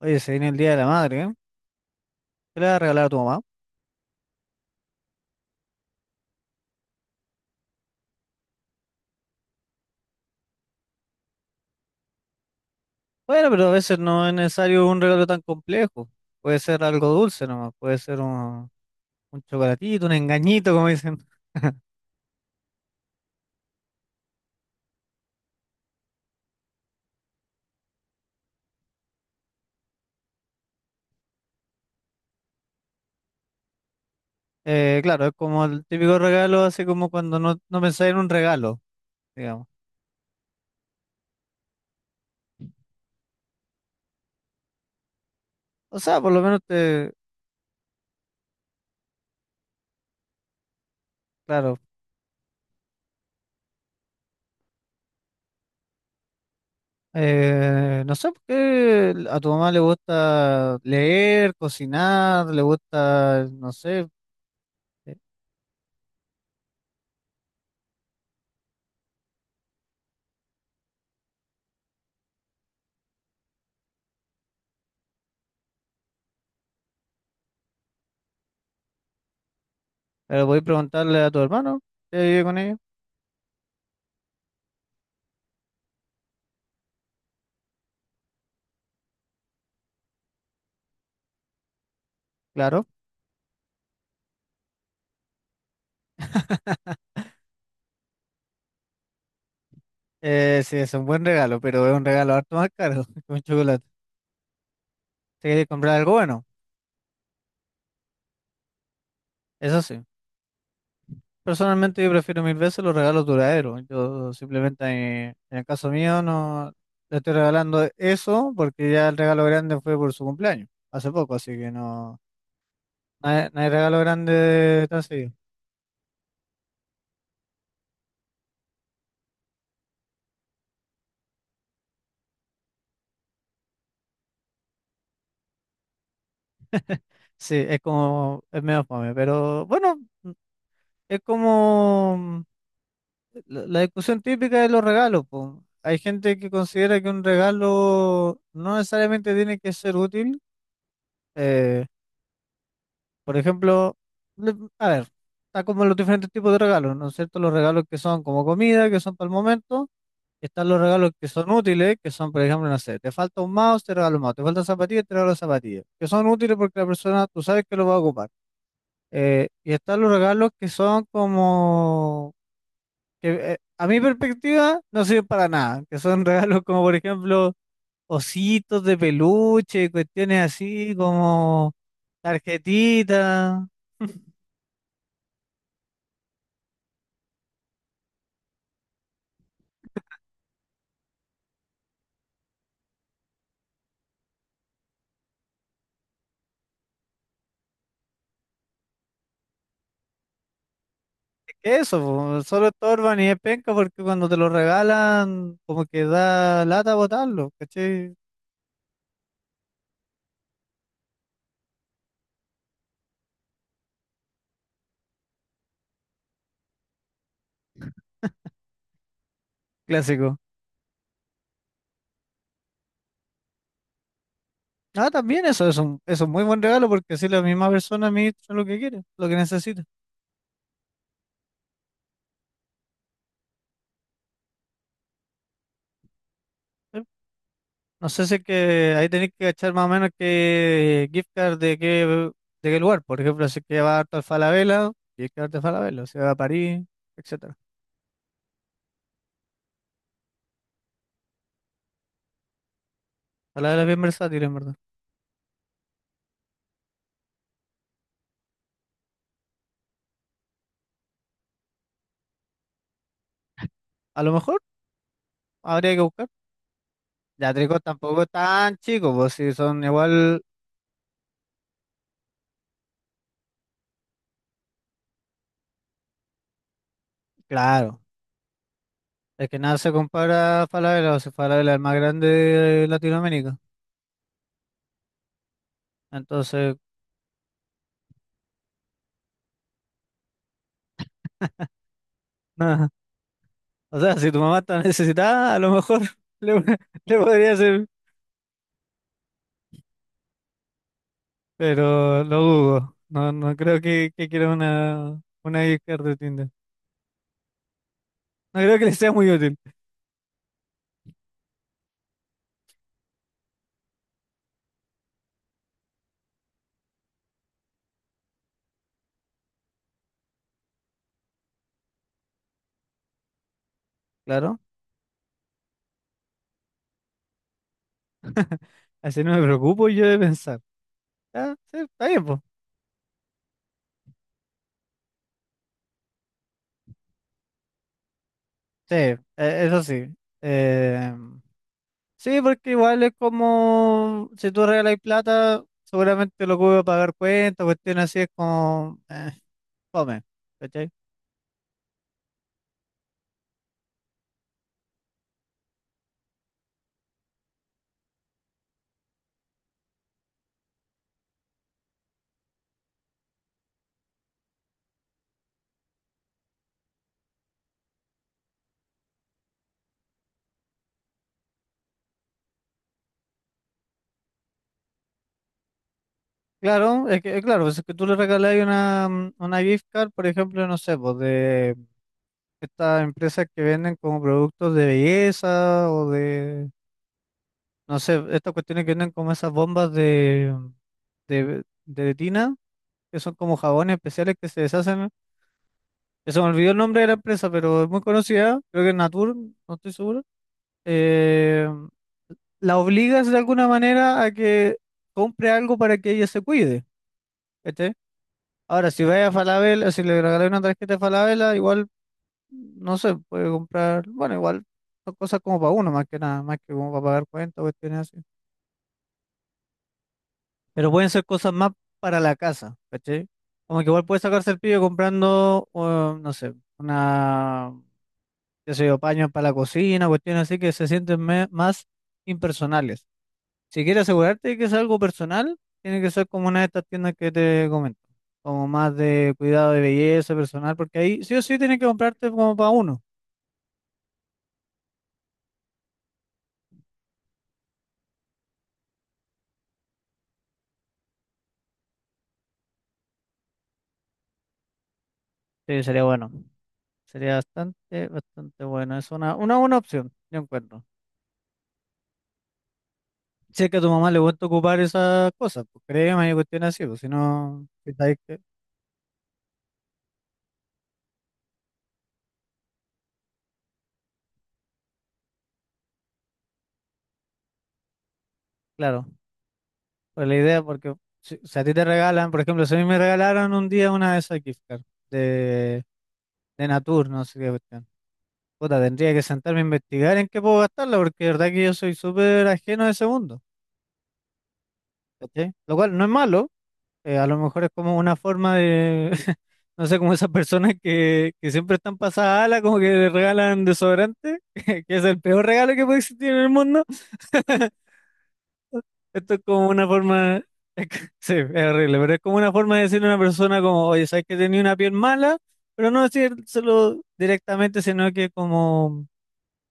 Oye, se viene el Día de la Madre, ¿eh? ¿Qué le vas a regalar a tu mamá? Bueno, pero a veces no es necesario un regalo tan complejo. Puede ser algo dulce nomás, puede ser un chocolatito, un engañito, como dicen. Claro, es como el típico regalo, así como cuando no pensáis en un regalo, digamos. O sea, por lo menos te, claro, no sé por qué a tu mamá le gusta leer, cocinar, le gusta, no sé, eh, pero podéis preguntarle a tu hermano que vive con ella, claro. Sí, es un buen regalo, pero es un regalo harto más caro que un chocolate. Si quieres comprar algo bueno, eso sí. Personalmente yo prefiero mil veces los regalos duraderos. Yo simplemente, en el caso mío, no le estoy regalando eso porque ya el regalo grande fue por su cumpleaños, hace poco, así que no hay regalo grande tan seguido. Sí, es como, es medio fome, pero bueno, es como. La discusión típica de los regalos, po. Hay gente que considera que un regalo no necesariamente tiene que ser útil. eh, por ejemplo, le- a ver, está como los diferentes tipos de regalos, ¿no es cierto? Los regalos que son como comida, que son para el momento. Están los regalos que son útiles, que son, por ejemplo, no sé, te falta un mouse, te regalo un mouse, te falta zapatillas, te regalo zapatillas, que son útiles porque la persona, tú sabes que lo va a ocupar. Y están los regalos que son como que a mi perspectiva no sirven para nada, que son regalos como por ejemplo ositos de peluche, cuestiones así como tarjetitas, es que eso, po, solo estorban y es penca porque cuando te lo regalan como que da lata botarlo, ¿cachai? Clásico. Ah, también eso es un muy buen regalo porque así la misma persona administra lo que quiere, lo que necesita. No sé si es que ahí tenéis que echar más o menos qué gift card de qué lugar. Por ejemplo, si es que va harto a Falabella, gift card de Falabella. Si va a París, etcétera. Falabella es bien versátil, en verdad. A lo mejor habría que buscar. Ya Tricot tampoco es tan chico, pues si son igual, claro. Es que nada se compara a Falabella, o si Falabella es el más grande de Latinoamérica. Entonces, nada. O sea, si tu mamá está necesitada, a lo mejor le, le podría hacer. Pero lo dudo. No, no creo que quiera una gift card de Tinder. No creo que le sea muy útil. Claro, así no me preocupo yo de pensar. Ah, sí, está bien, pues. Sí, eso sí. Eh, sí, porque igual es como si tú regalas plata, seguramente lo que voy a pagar cuentas, cuestiones así es como, fome, ¿cachai? Claro, es que, claro, pues es que tú le regalas una gift card, por ejemplo, no sé, pues de estas empresas que venden como productos de belleza o de, no sé, estas cuestiones que venden como esas bombas de tina, que son como jabones especiales que se deshacen. Que se me olvidó el nombre de la empresa, pero es muy conocida, creo que es Natur, no estoy seguro. Eh, la obligas de alguna manera a que compre algo para que ella se cuide, ¿cachai? Ahora, si vaya a Falabella, si le regalas una tarjeta de Falabella, igual no sé, puede comprar, bueno, igual son cosas como para uno, más que nada, más que como para pagar cuentas o cuestiones así. Pero pueden ser cosas más para la casa, ¿cachai? Como que igual puede sacarse el pillo comprando, no sé, una, qué sé yo, paños para la cocina, cuestiones así que se sienten más impersonales. Si quieres asegurarte de que es algo personal, tiene que ser como una de estas tiendas que te comento, como más de cuidado de belleza personal, porque ahí sí o sí tienes que comprarte como para uno. Sí, sería bueno. Sería bastante, bastante bueno. Es una buena opción, yo encuentro. Si es que a tu mamá le gusta ocupar esas cosas, pues créeme, hay cuestiones así, pues si no, si sabes que- claro, pues la idea, porque si a ti te regalan, por ejemplo, si a mí me regalaron un día una de esas gift cards de, de Natur, no sé qué cuestión. Puta, tendría que sentarme a investigar en qué puedo gastarla, porque de verdad que yo soy súper ajeno a ese mundo, ¿cachai? Lo cual no es malo. A lo mejor es como una forma de, no sé, como esas personas que siempre están pasadas ala, como que le regalan desodorante, que es el peor regalo que puede existir en el mundo. Esto es como una forma, sí, es horrible, pero es como una forma de decirle a una persona como, oye, sabes que tenía una piel mala, pero no decírselo directamente, sino que como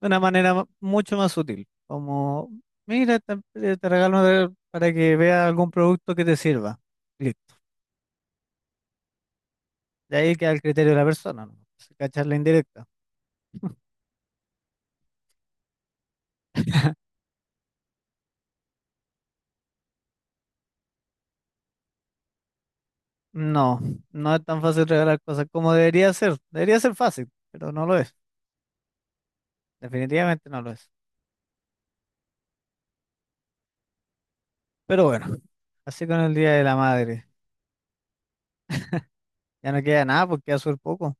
de una manera mucho más sutil, como, mira, te regalo para que veas algún producto que te sirva. De ahí queda el criterio de la persona, ¿no? Si cachas la indirecta. No, no es tan fácil regalar cosas como debería ser. Debería ser fácil, pero no lo es. Definitivamente no lo es. Pero bueno, así con el Día de la Madre. Ya no queda nada porque queda súper poco.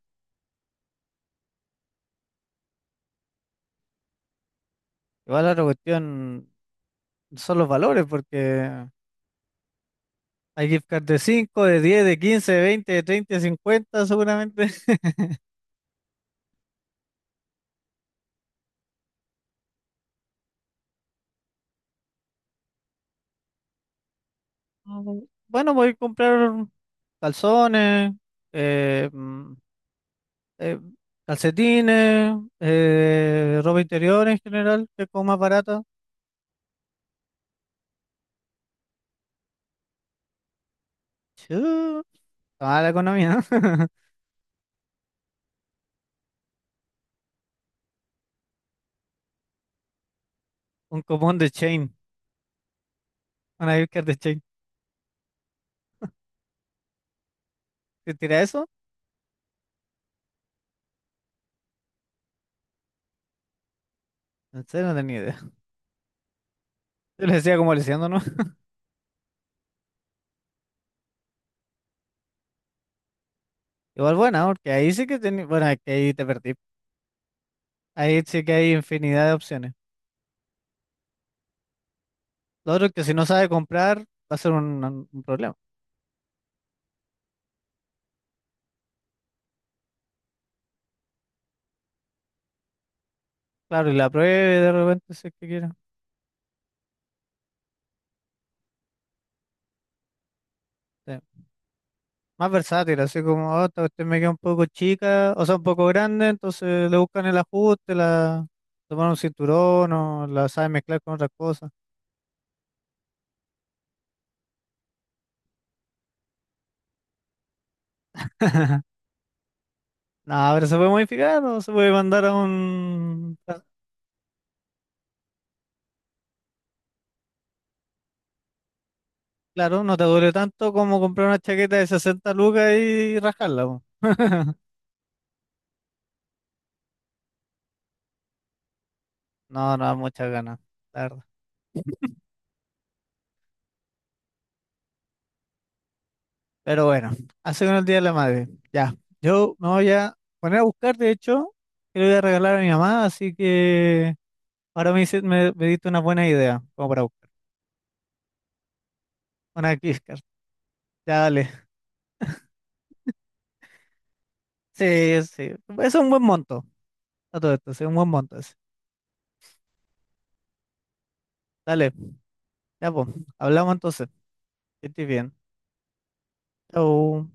Igual la otra cuestión son los valores, porque hay gift cards de cinco, de 10, de 15, de 20, de 30, de 50 seguramente. Mm, Bueno, voy a comprar calzones, eh, mm, eh, calcetines, ropa interior en general, que es como más barata. Chu, está mala la economía, ¿no? Un cupón de Chain, una Birker de Chain. ¿Te tira eso? En serio, no tenía idea. Yo le decía como leyendo, ¿no? Igual buena, ¿no? Porque ahí sí que tenía, bueno, es que ahí te perdí. Ahí sí que hay infinidad de opciones. Lo otro es que si no sabe comprar, va a ser un problema. Claro, y la pruebe de repente si es que quiere. Sí. Más versátil, así como, oh, esta cuestión me queda un poco chica, o sea, un poco grande, entonces le buscan el ajuste, la toman un cinturón o la saben mezclar con otras cosas. No, pero se puede modificar o se puede mandar a un. Claro, no te duele tanto como comprar una chaqueta de 60 lucas y rascarla, po. No, no da muchas ganas, la verdad. Pero bueno, hace con el Día de la Madre. Ya, yo me voy a poner a buscar, de hecho, que le voy a regalar a mi mamá, así que. Ahora me diste una buena idea, como para buscar. Una gift card. Ya, dale. Sí, sí. Es un buen monto. A todo esto, sí, un buen monto ese. Dale, ya pues. Hablamos entonces. Que estés bien. Chau.